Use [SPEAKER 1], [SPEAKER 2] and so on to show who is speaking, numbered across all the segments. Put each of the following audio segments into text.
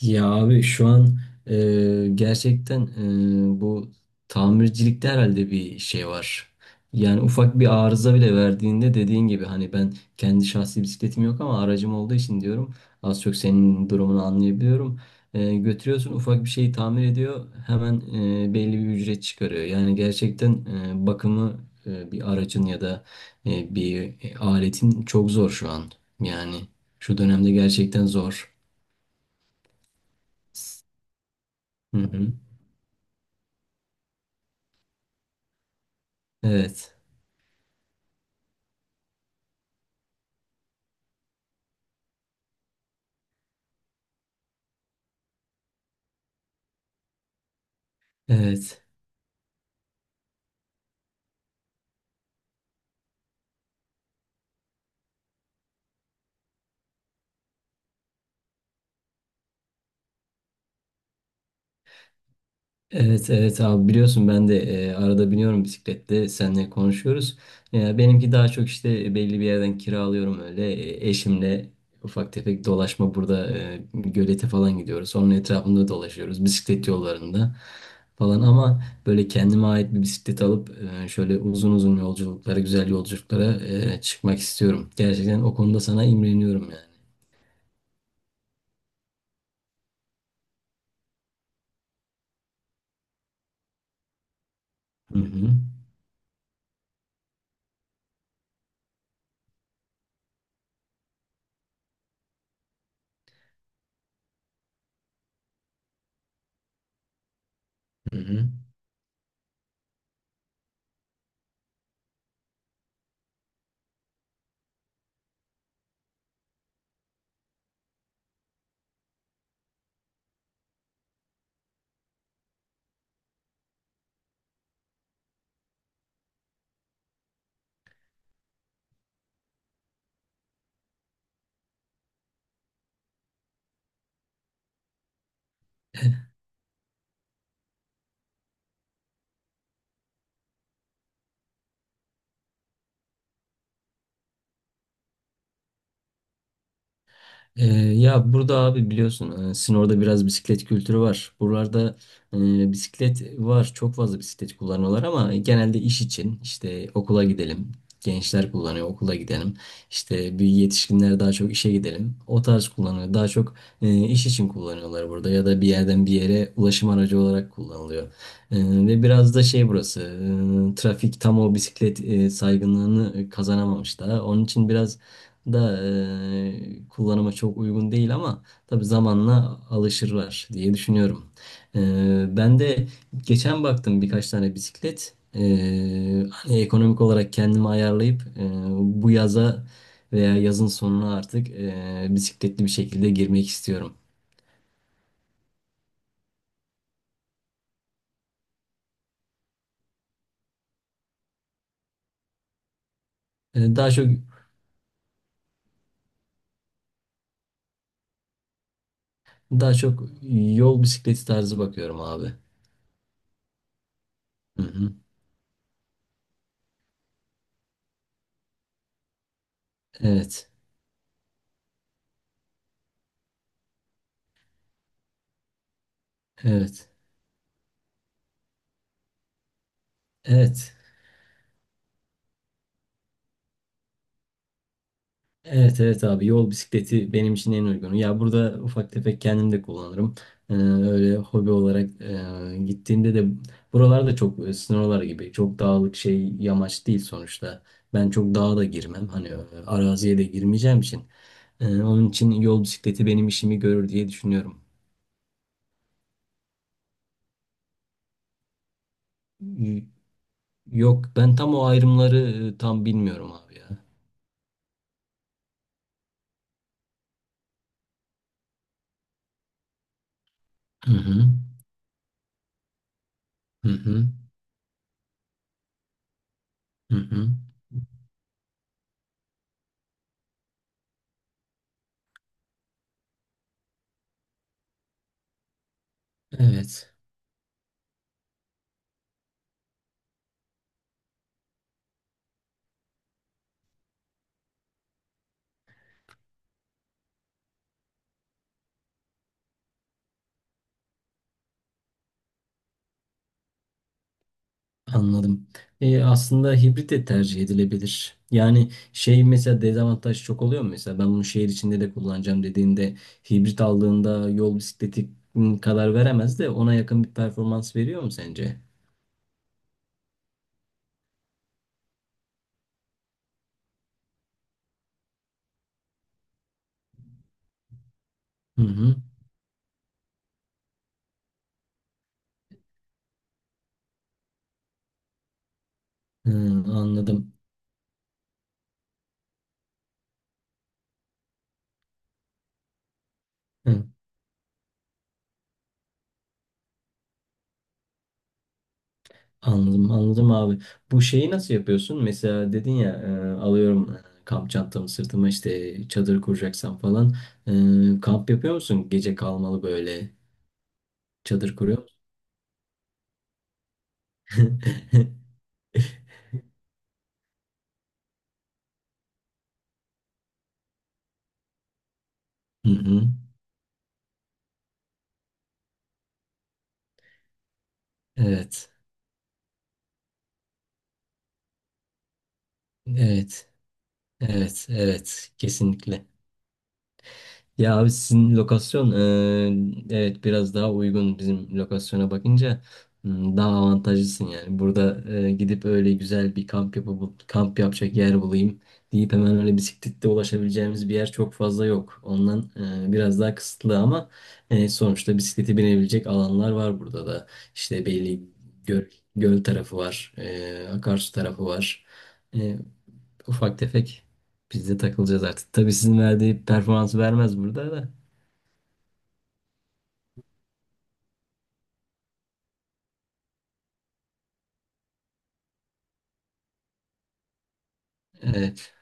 [SPEAKER 1] Ya abi şu an gerçekten bu tamircilikte herhalde bir şey var. Yani ufak bir arıza bile verdiğinde dediğin gibi hani ben kendi şahsi bisikletim yok ama aracım olduğu için diyorum az çok senin durumunu anlayabiliyorum. Götürüyorsun ufak bir şeyi tamir ediyor hemen belli bir ücret çıkarıyor. Yani gerçekten bakımı bir aracın ya da bir aletin çok zor şu an. Yani şu dönemde gerçekten zor. Hı hı. Evet, evet, evet, evet abi biliyorsun ben de arada biniyorum bisiklette seninle konuşuyoruz. Benimki daha çok işte belli bir yerden kiralıyorum öyle. Eşimle ufak tefek dolaşma burada gölete falan gidiyoruz. Onun etrafında dolaşıyoruz bisiklet yollarında falan ama böyle kendime ait bir bisiklet alıp şöyle uzun uzun yolculuklara, güzel yolculuklara çıkmak istiyorum. Gerçekten o konuda sana imreniyorum yani. Hı hı. Hı hı. Ya burada abi biliyorsun Sinor'da biraz bisiklet kültürü var. Buralarda bisiklet var. Çok fazla bisiklet kullanıyorlar ama genelde iş için işte okula gidelim. Gençler kullanıyor okula gidelim. İşte bir yetişkinler daha çok işe gidelim. O tarz kullanıyor. Daha çok iş için kullanıyorlar burada ya da bir yerden bir yere ulaşım aracı olarak kullanılıyor. E, ve biraz da şey burası trafik tam o bisiklet saygınlığını kazanamamış daha. Onun için biraz da kullanıma çok uygun değil ama tabii zamanla alışırlar diye düşünüyorum. E, ben de geçen baktım birkaç tane bisiklet. Hani ekonomik olarak kendimi ayarlayıp bu yaza veya yazın sonuna artık bisikletli bir şekilde girmek istiyorum. E, daha çok daha çok yol bisikleti tarzı bakıyorum abi. Hı hı. Evet. Evet. Evet. Evet evet abi yol bisikleti benim için en uygunu. Ya burada ufak tefek kendim de kullanırım. Öyle hobi olarak gittiğimde de buralarda çok böyle sınırlar gibi çok dağlık şey yamaç değil sonuçta. Ben çok dağa da girmem hani araziye de girmeyeceğim için. Onun için yol bisikleti benim işimi görür diye düşünüyorum. Y- Yok ben tam o ayrımları tam bilmiyorum abi ya. Hı hı. Hı hı. Hı hı. Evet. Anladım. Aslında hibrit de tercih edilebilir. Yani şey mesela dezavantaj çok oluyor mu? Mesela ben bunu şehir içinde de kullanacağım dediğinde hibrit aldığında yol bisikleti kadar veremez de ona yakın bir performans veriyor mu sence? Hı hı. Hı, anladım. Hı, anladım. Anladım abi. Bu şeyi nasıl yapıyorsun? Mesela dedin ya alıyorum kamp çantamı sırtıma işte çadır kuracaksam falan. Kamp yapıyor musun? Gece kalmalı böyle çadır kuruyor musun? Hı hı. Evet, evet, evet, evet, kesinlikle. Ya abi sizin lokasyon, evet biraz daha uygun bizim lokasyona bakınca. Hmm, daha avantajlısın yani. Burada gidip öyle güzel bir kamp yapıp kamp yapacak yer bulayım deyip hemen öyle bisikletle ulaşabileceğimiz bir yer çok fazla yok. Ondan biraz daha kısıtlı ama sonuçta bisiklete binebilecek alanlar var burada da. İşte belli göl, göl tarafı var, akarsu tarafı var. Ufak tefek biz de takılacağız artık. Tabii sizin verdiği performansı vermez burada da. Evet,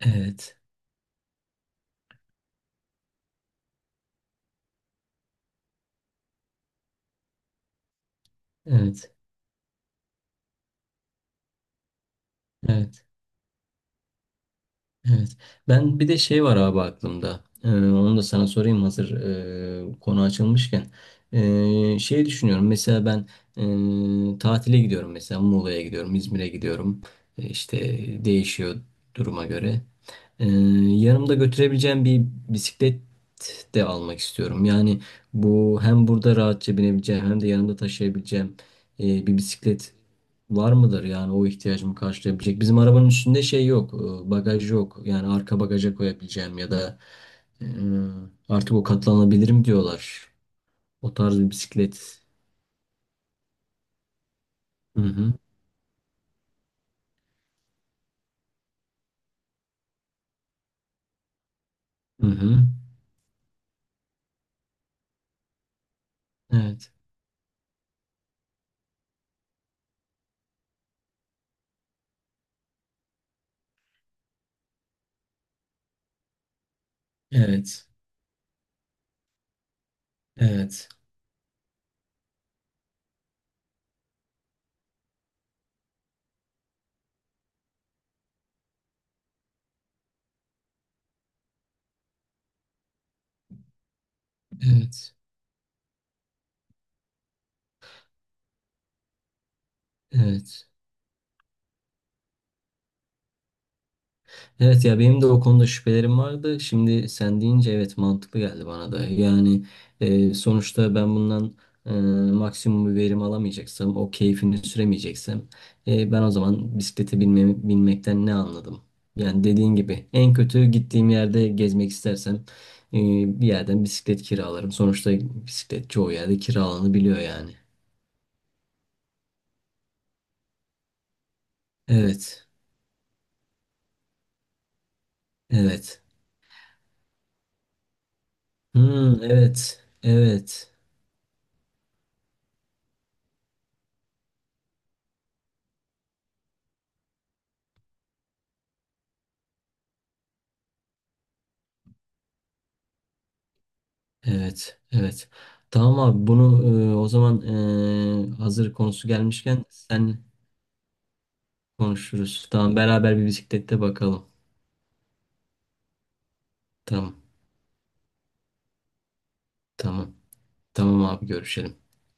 [SPEAKER 1] evet, evet, evet, evet. Ben bir de şey var abi aklımda. Onu da sana sorayım hazır konu açılmışken. Şey düşünüyorum mesela ben tatile gidiyorum mesela Muğla'ya gidiyorum, İzmir'e gidiyorum. İşte değişiyor duruma göre. Ee, Yanımda götürebileceğim bir bisiklet de almak istiyorum. Yani bu hem burada rahatça binebileceğim hem de yanımda taşıyabileceğim bir bisiklet var mıdır? Yani o ihtiyacımı karşılayabilecek. Bizim arabanın üstünde şey yok, bagaj yok. Yani arka bagaja koyabileceğim ya da e, artık o katlanabilirim diyorlar. O tarz bir bisiklet. Hı hı. Hı hı. Evet. Evet. Evet. Evet. Evet. Evet ya benim de o konuda şüphelerim vardı. Şimdi sen deyince evet mantıklı geldi bana da. Yani sonuçta ben bundan e, maksimum bir verim alamayacaksam, o keyfini süremeyeceksem ben o zaman bisiklete binme, binmekten ne anladım? Yani dediğin gibi en kötü gittiğim yerde gezmek istersem e, bir yerden bisiklet kiralarım. Sonuçta bisiklet çoğu yerde kiralanabiliyor yani. Evet, evet. Hmm, evet, evet. Evet, evet. Tamam abi bunu o zaman hazır konusu gelmişken sen konuşuruz. Tamam beraber bir bisiklette bakalım. Tamam, tamam. Tamam abi görüşelim.